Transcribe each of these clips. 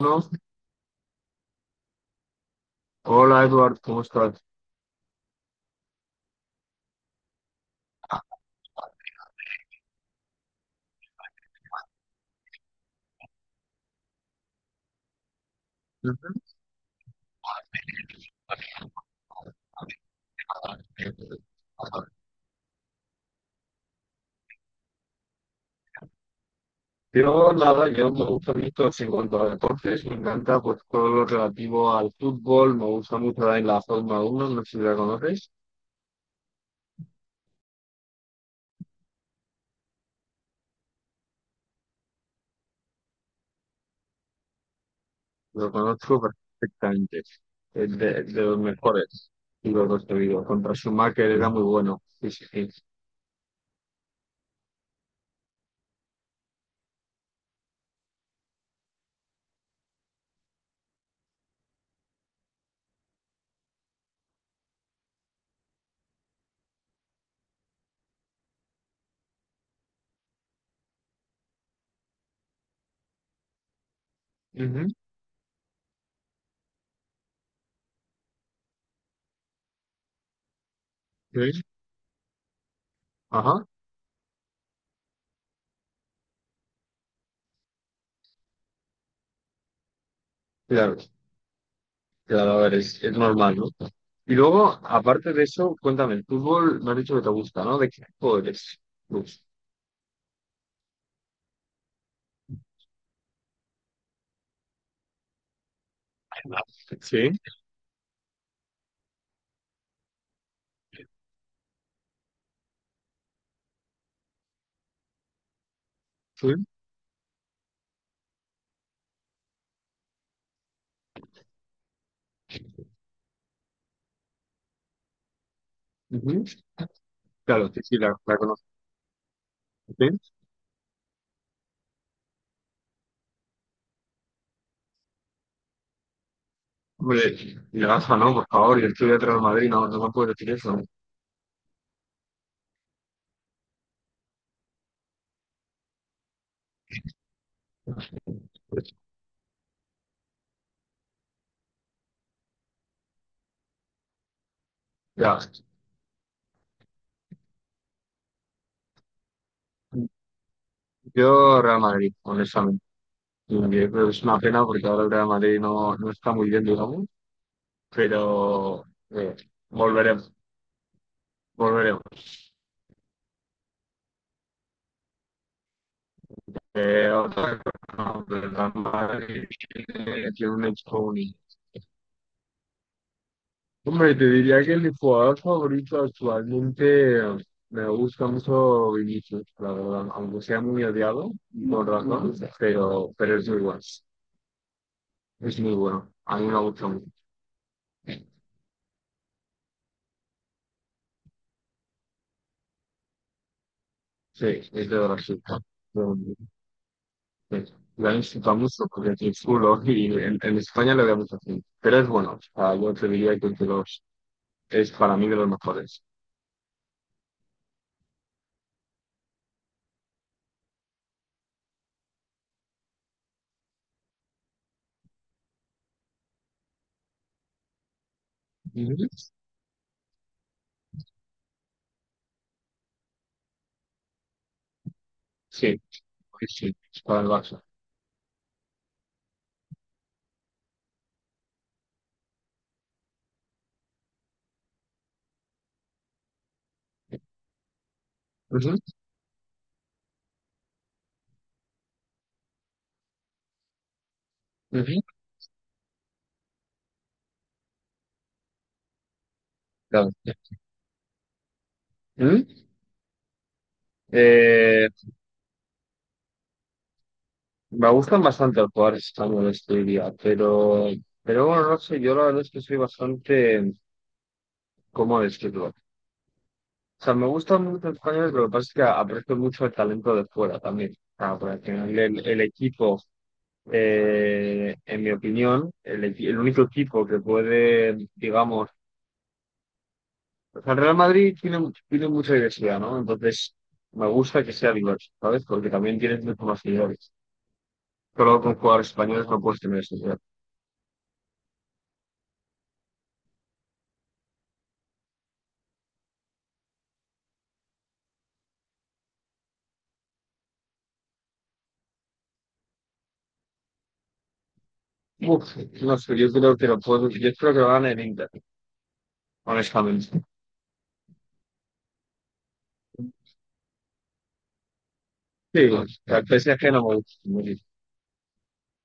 No. Hola, Eduardo, ¿cómo estás? Ujú. Yo nada, yo me gusta mucho así, en cuanto a deportes, me encanta pues todo lo relativo al fútbol, me gusta mucho la Fórmula 1, no sé si la conoces. Lo conozco perfectamente, es de los mejores y los dos que he vivido. Contra Schumacher era muy bueno, sí, sí, sí. Ujú, sí. Ajá, claro, claro, a ver, es normal, ¿no? Y luego, aparte de eso, cuéntame, el fútbol me has dicho que te gusta, ¿no? ¿De qué equipo eres? Pues. Ah. Sí, sí. Ujú. Claro, sí, sí, la conozco. Sí. Hombre, y el Barça no, por favor, yo estoy de Real Madrid, no, no me puedo decir eso. Ya, yo Real Madrid, honestamente. Y yo creo que es una pena porque ahora el Real Madrid no está muy bien, digamos, pero eh, volveremos, volveremos. Otra cosa, ¿no? El Real Madrid tiene un equipo único. Hombre, te diría que mi jugador favorito actualmente me gusta mucho Vinicius, la verdad, aunque sea muy odiado, por razón, pero es muy bueno, a mí me gusta mucho. Sí, es de Brasil. Pero, sí, la disfruta mucho porque aquí es culo y en España le vemos así, pero es bueno, o sea, yo te diría que es para mí de los mejores. Ujú. Sí, sí, sí, es para el Barça. Ujú, ujú, claro. Ujú. Eh, Me gustan bastante los jugadores españoles, te diría, pero bueno, no sé, yo la verdad es que soy bastante, ¿cómo decirlo? O sea, me gustan mucho los españoles, pero lo que pasa es que aprecio mucho el talento de fuera también. O sea, porque al final el equipo, en mi opinión, el único equipo que puede, digamos, o sea, el Real Madrid tiene mucha diversidad, ¿no? Entonces, me gusta que sea diverso, ¿sabes? Porque también tienes muchos más seguidores. Solo con jugadores españoles no puedes tener eso. Uf, no sé, yo creo que lo puedo, yo espero que lo gane el Inter, honestamente. Sí, el PSG no me gusta mucho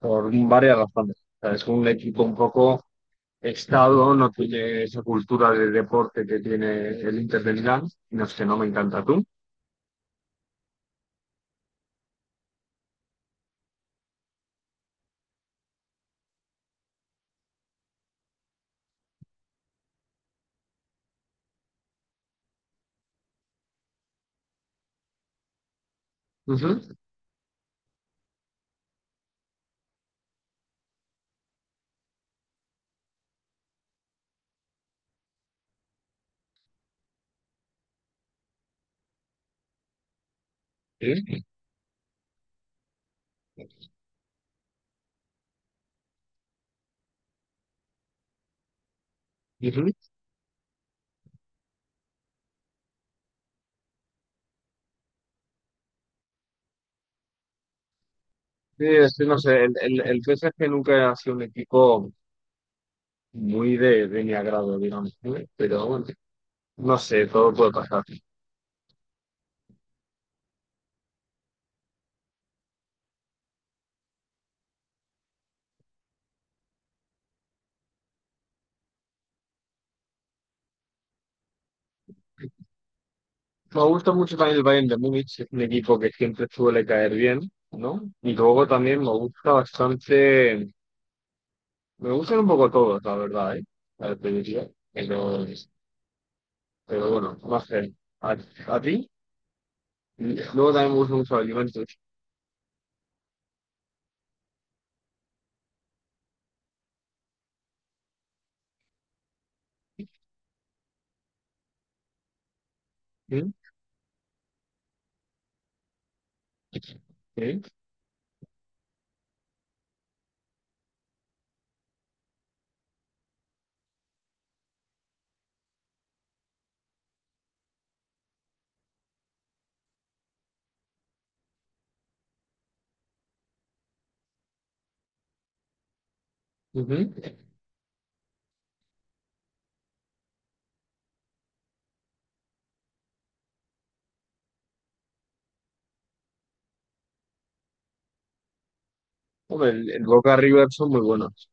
por varias razones. O sea, es un equipo un poco estado, no tiene esa cultura de deporte que tiene el Inter de Milán, no sé, no me encanta tú. Ujú. Sí, ujú. Sí, es que no sé, el PSG nunca ha sido un equipo muy de mi agrado, digamos, ¿eh? Pero bueno, no sé, todo puede pasar. Me gusta mucho también el Bayern de Múnich, es un equipo que siempre suele caer bien, ¿no? Y luego también me gusta bastante, me gustan un poco todos, la verdad, ¿eh? A ver, te diría. Pero bueno, más sé. ¿A, a ti? Luego también me gustan mucho los Juventus. ¿Sí? ¿Sí? Ujú. Hombre, el Boca River son muy buenos.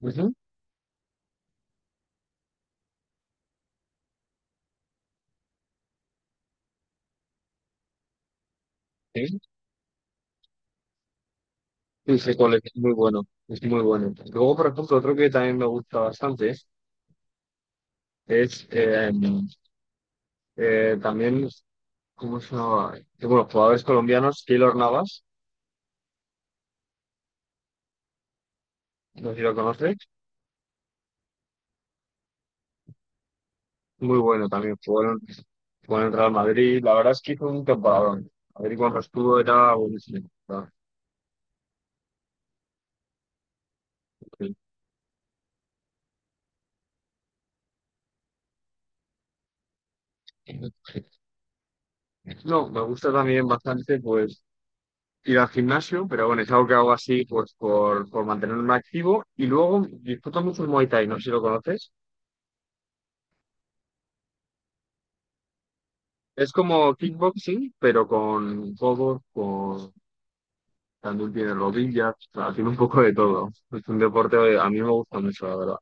Ujú. Sí, sí, sé cuál es muy bueno, es muy bueno. Luego, por ejemplo, otro que también me gusta bastante es también. ¿Cómo se llamaba? Bueno, jugadores colombianos, Keylor Navas, no sé si lo conoces, muy bueno también, jugó en el Real Madrid, la verdad es que hizo un temporadón. Madrid cuando estuvo era buenísimo, la verdad. Sí. No, me gusta también bastante pues ir al gimnasio, pero bueno, es algo que hago así pues por mantenerme activo y luego disfruto mucho el Muay Thai, no sé si lo conoces. Es como kickboxing, pero con codos. También tiene rodillas, o sea, tiene un poco de todo. Es un deporte que a mí me gusta mucho, la verdad.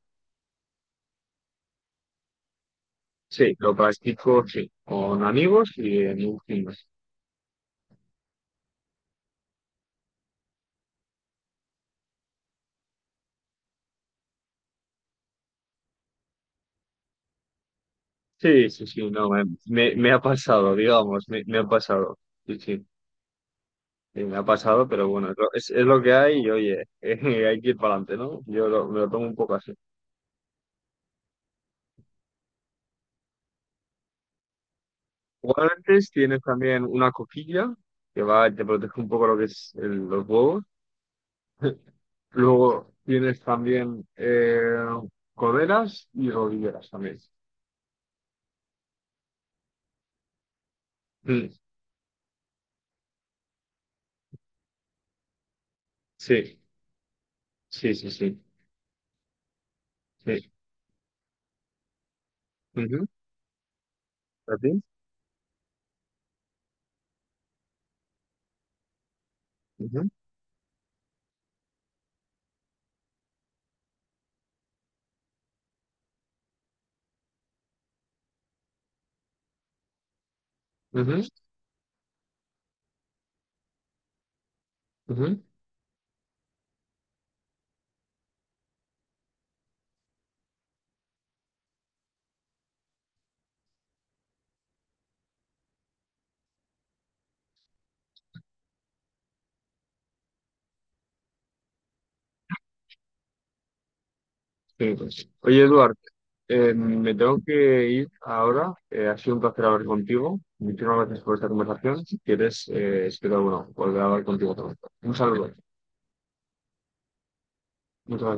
Sí, lo practico, sí, con amigos y en un gimnasio. Sí, sí, sí, no, me ha pasado, digamos, me ha pasado. Sí, sí, sí, me ha pasado, pero bueno, es lo que hay y oye, hay que ir para adelante, ¿no? Yo me lo tomo un poco así. Guantes, tienes también una coquilla que va, te protege un poco lo que es los huevos. Luego tienes también coderas y rodilleras también. Mm. Sí, sí, sí, sí. Sí. Ujú. ¿A ti? Ujú, ujú, ujú. Sí, pues. Oye, Eduard, me tengo que ir ahora. Ha sido un placer hablar contigo. Muchísimas gracias por esta conversación. Si quieres, espero bueno, volver a hablar contigo otra vez. Un saludo. Muchas gracias.